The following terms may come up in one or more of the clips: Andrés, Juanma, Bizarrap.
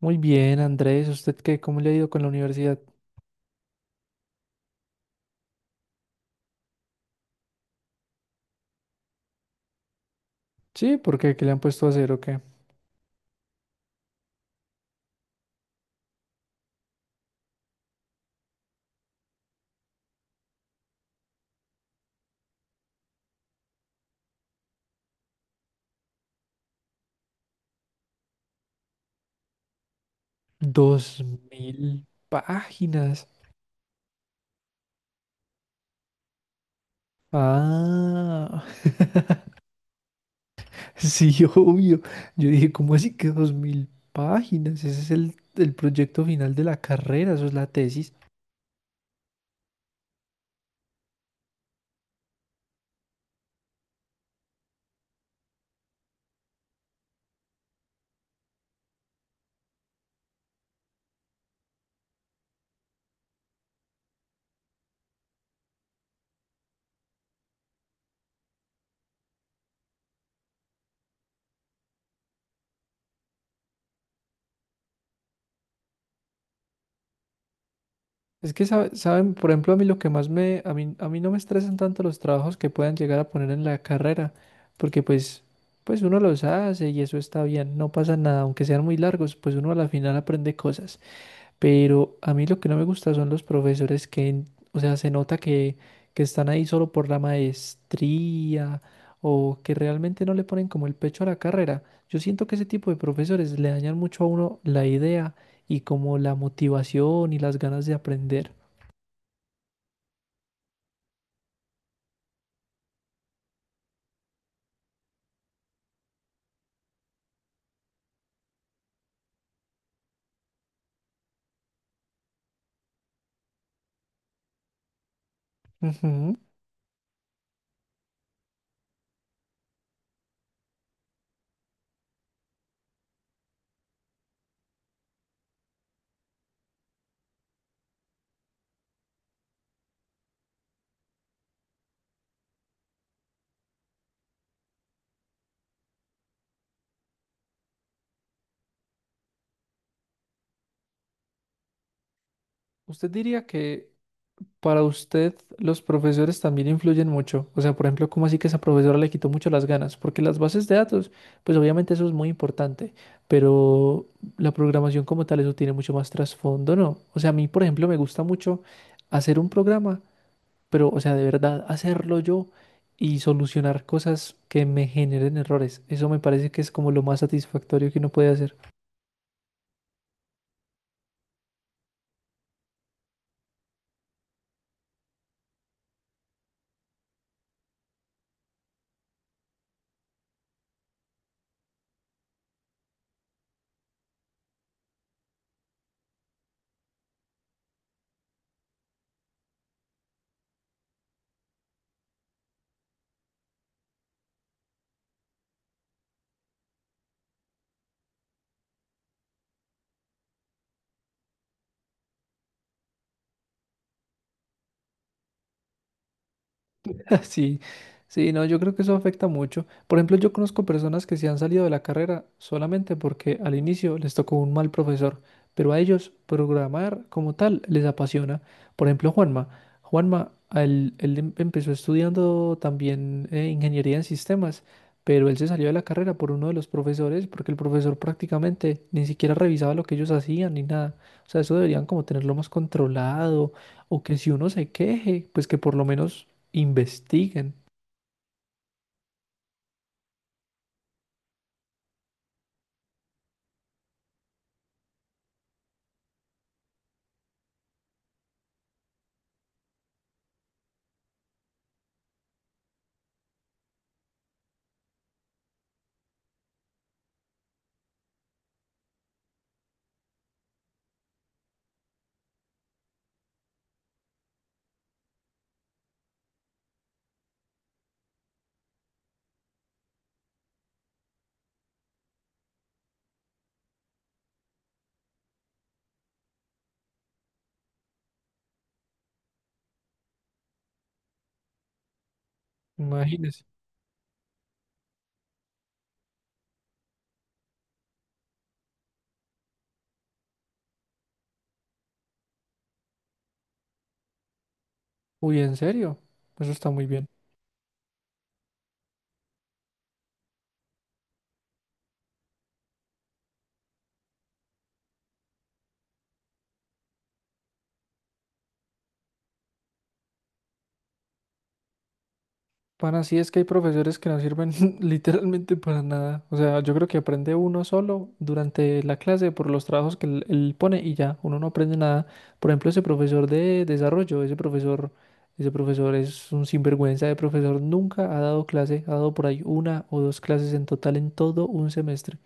Muy bien, Andrés, ¿usted qué? ¿Cómo le ha ido con la universidad? Sí, ¿por qué? ¿Qué le han puesto a hacer o qué? 2000 páginas. Ah, sí, obvio. Yo dije, ¿cómo así que 2000 páginas? Ese es el proyecto final de la carrera, eso es la tesis. Es que saben, por ejemplo, a mí lo que más me, a mí no me estresan tanto los trabajos que puedan llegar a poner en la carrera, porque pues uno los hace y eso está bien, no pasa nada, aunque sean muy largos, pues uno a la final aprende cosas. Pero a mí lo que no me gusta son los profesores que, o sea, se nota que están ahí solo por la maestría o que realmente no le ponen como el pecho a la carrera. Yo siento que ese tipo de profesores le dañan mucho a uno la idea y como la motivación y las ganas de aprender. Ujú. ¿Usted diría que para usted los profesores también influyen mucho? O sea, por ejemplo, ¿cómo así que esa profesora le quitó mucho las ganas? Porque las bases de datos, pues obviamente eso es muy importante, pero la programación como tal, eso tiene mucho más trasfondo, ¿no? O sea, a mí, por ejemplo, me gusta mucho hacer un programa, pero, o sea, de verdad, hacerlo yo y solucionar cosas que me generen errores. Eso me parece que es como lo más satisfactorio que uno puede hacer. Sí, sí, no, yo creo que eso afecta mucho. Por ejemplo, yo conozco personas que se han salido de la carrera solamente porque al inicio les tocó un mal profesor, pero a ellos programar como tal les apasiona. Por ejemplo, Juanma. Juanma, a él, él empezó estudiando también ingeniería en sistemas, pero él se salió de la carrera por uno de los profesores porque el profesor prácticamente ni siquiera revisaba lo que ellos hacían ni nada. O sea, eso deberían como tenerlo más controlado o que si uno se queje, pues que por lo menos investiguen, imagínense. Uy, ¿en serio? Eso está muy bien. Para así es que hay profesores que no sirven literalmente para nada. O sea, yo creo que aprende uno solo durante la clase por los trabajos que él pone y ya, uno no aprende nada. Por ejemplo, ese profesor de desarrollo, ese profesor es un sinvergüenza de profesor, nunca ha dado clase, ha dado por ahí una o dos clases en total en todo un semestre.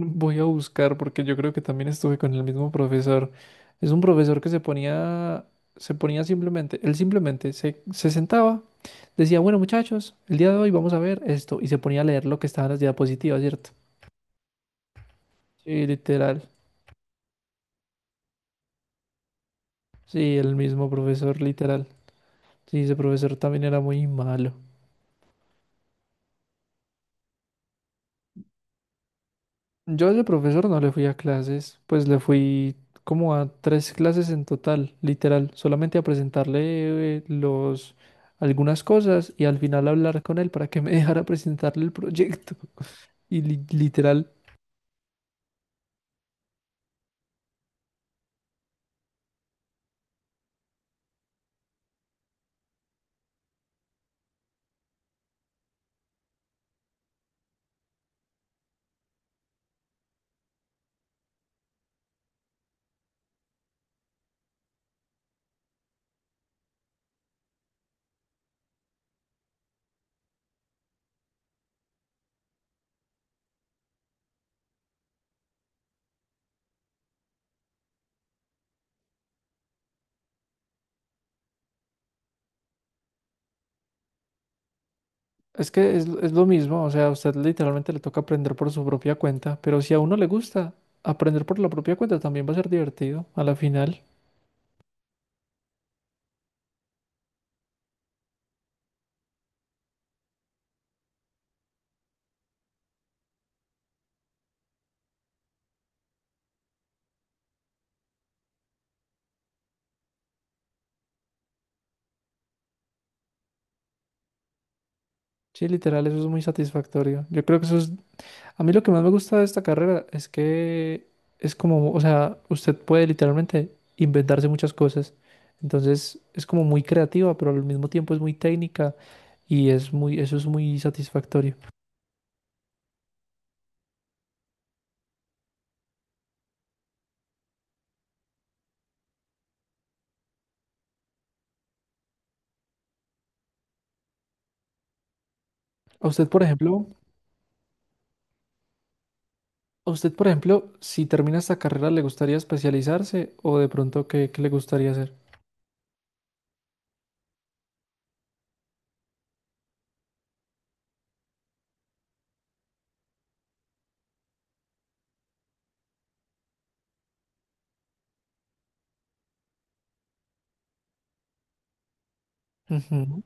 Voy a buscar porque yo creo que también estuve con el mismo profesor. Es un profesor que se ponía simplemente, él simplemente se sentaba, decía, bueno muchachos, el día de hoy vamos a ver esto y se ponía a leer lo que estaba en las diapositivas, ¿cierto? Sí, literal. Sí, el mismo profesor, literal. Sí, ese profesor también era muy malo. Yo de profesor no le fui a clases, pues le fui como a tres clases en total, literal, solamente a presentarle los algunas cosas y al final hablar con él para que me dejara presentarle el proyecto. Y literal, es que es lo mismo, o sea, a usted literalmente le toca aprender por su propia cuenta, pero si a uno le gusta aprender por la propia cuenta también va a ser divertido a la final. Sí, literal, eso es muy satisfactorio. Yo creo que eso es... A mí lo que más me gusta de esta carrera es que es como, o sea, usted puede literalmente inventarse muchas cosas. Entonces es como muy creativa, pero al mismo tiempo es muy técnica y es muy, eso es muy satisfactorio. A usted, por ejemplo, a usted, por ejemplo, si termina esta carrera, ¿le gustaría especializarse o de pronto qué, qué le gustaría hacer? Ujú.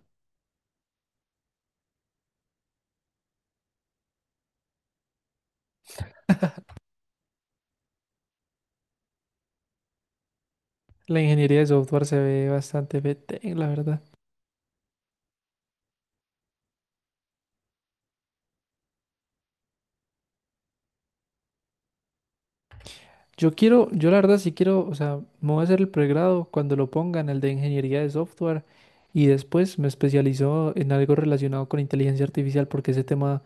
La ingeniería de software se ve bastante vete, la verdad. Yo quiero, yo la verdad sí quiero, o sea, me voy a hacer el pregrado cuando lo pongan, el de ingeniería de software, y después me especializo en algo relacionado con inteligencia artificial, porque ese tema,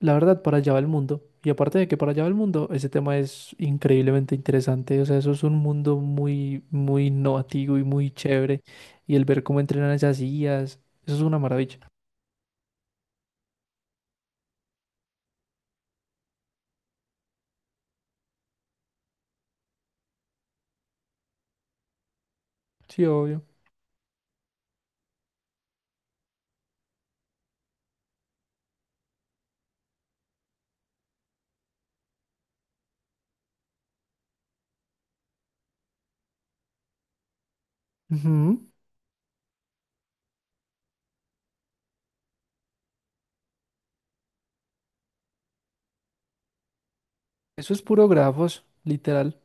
la verdad, para allá va el mundo. Y aparte de que para allá va el mundo, ese tema es increíblemente interesante. O sea, eso es un mundo muy, muy innovativo y muy chévere. Y el ver cómo entrenan esas IAs, eso es una maravilla. Sí, obvio. Ujú. Eso es puro grafos, literal.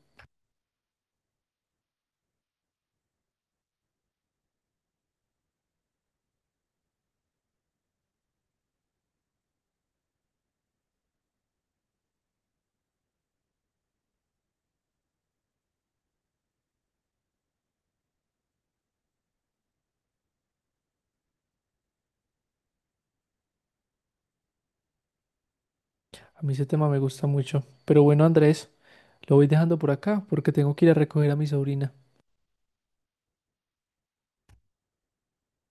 A mí ese tema me gusta mucho. Pero bueno, Andrés. Lo voy dejando por acá porque tengo que ir a recoger a mi sobrina.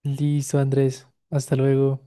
Listo, Andrés. Hasta luego.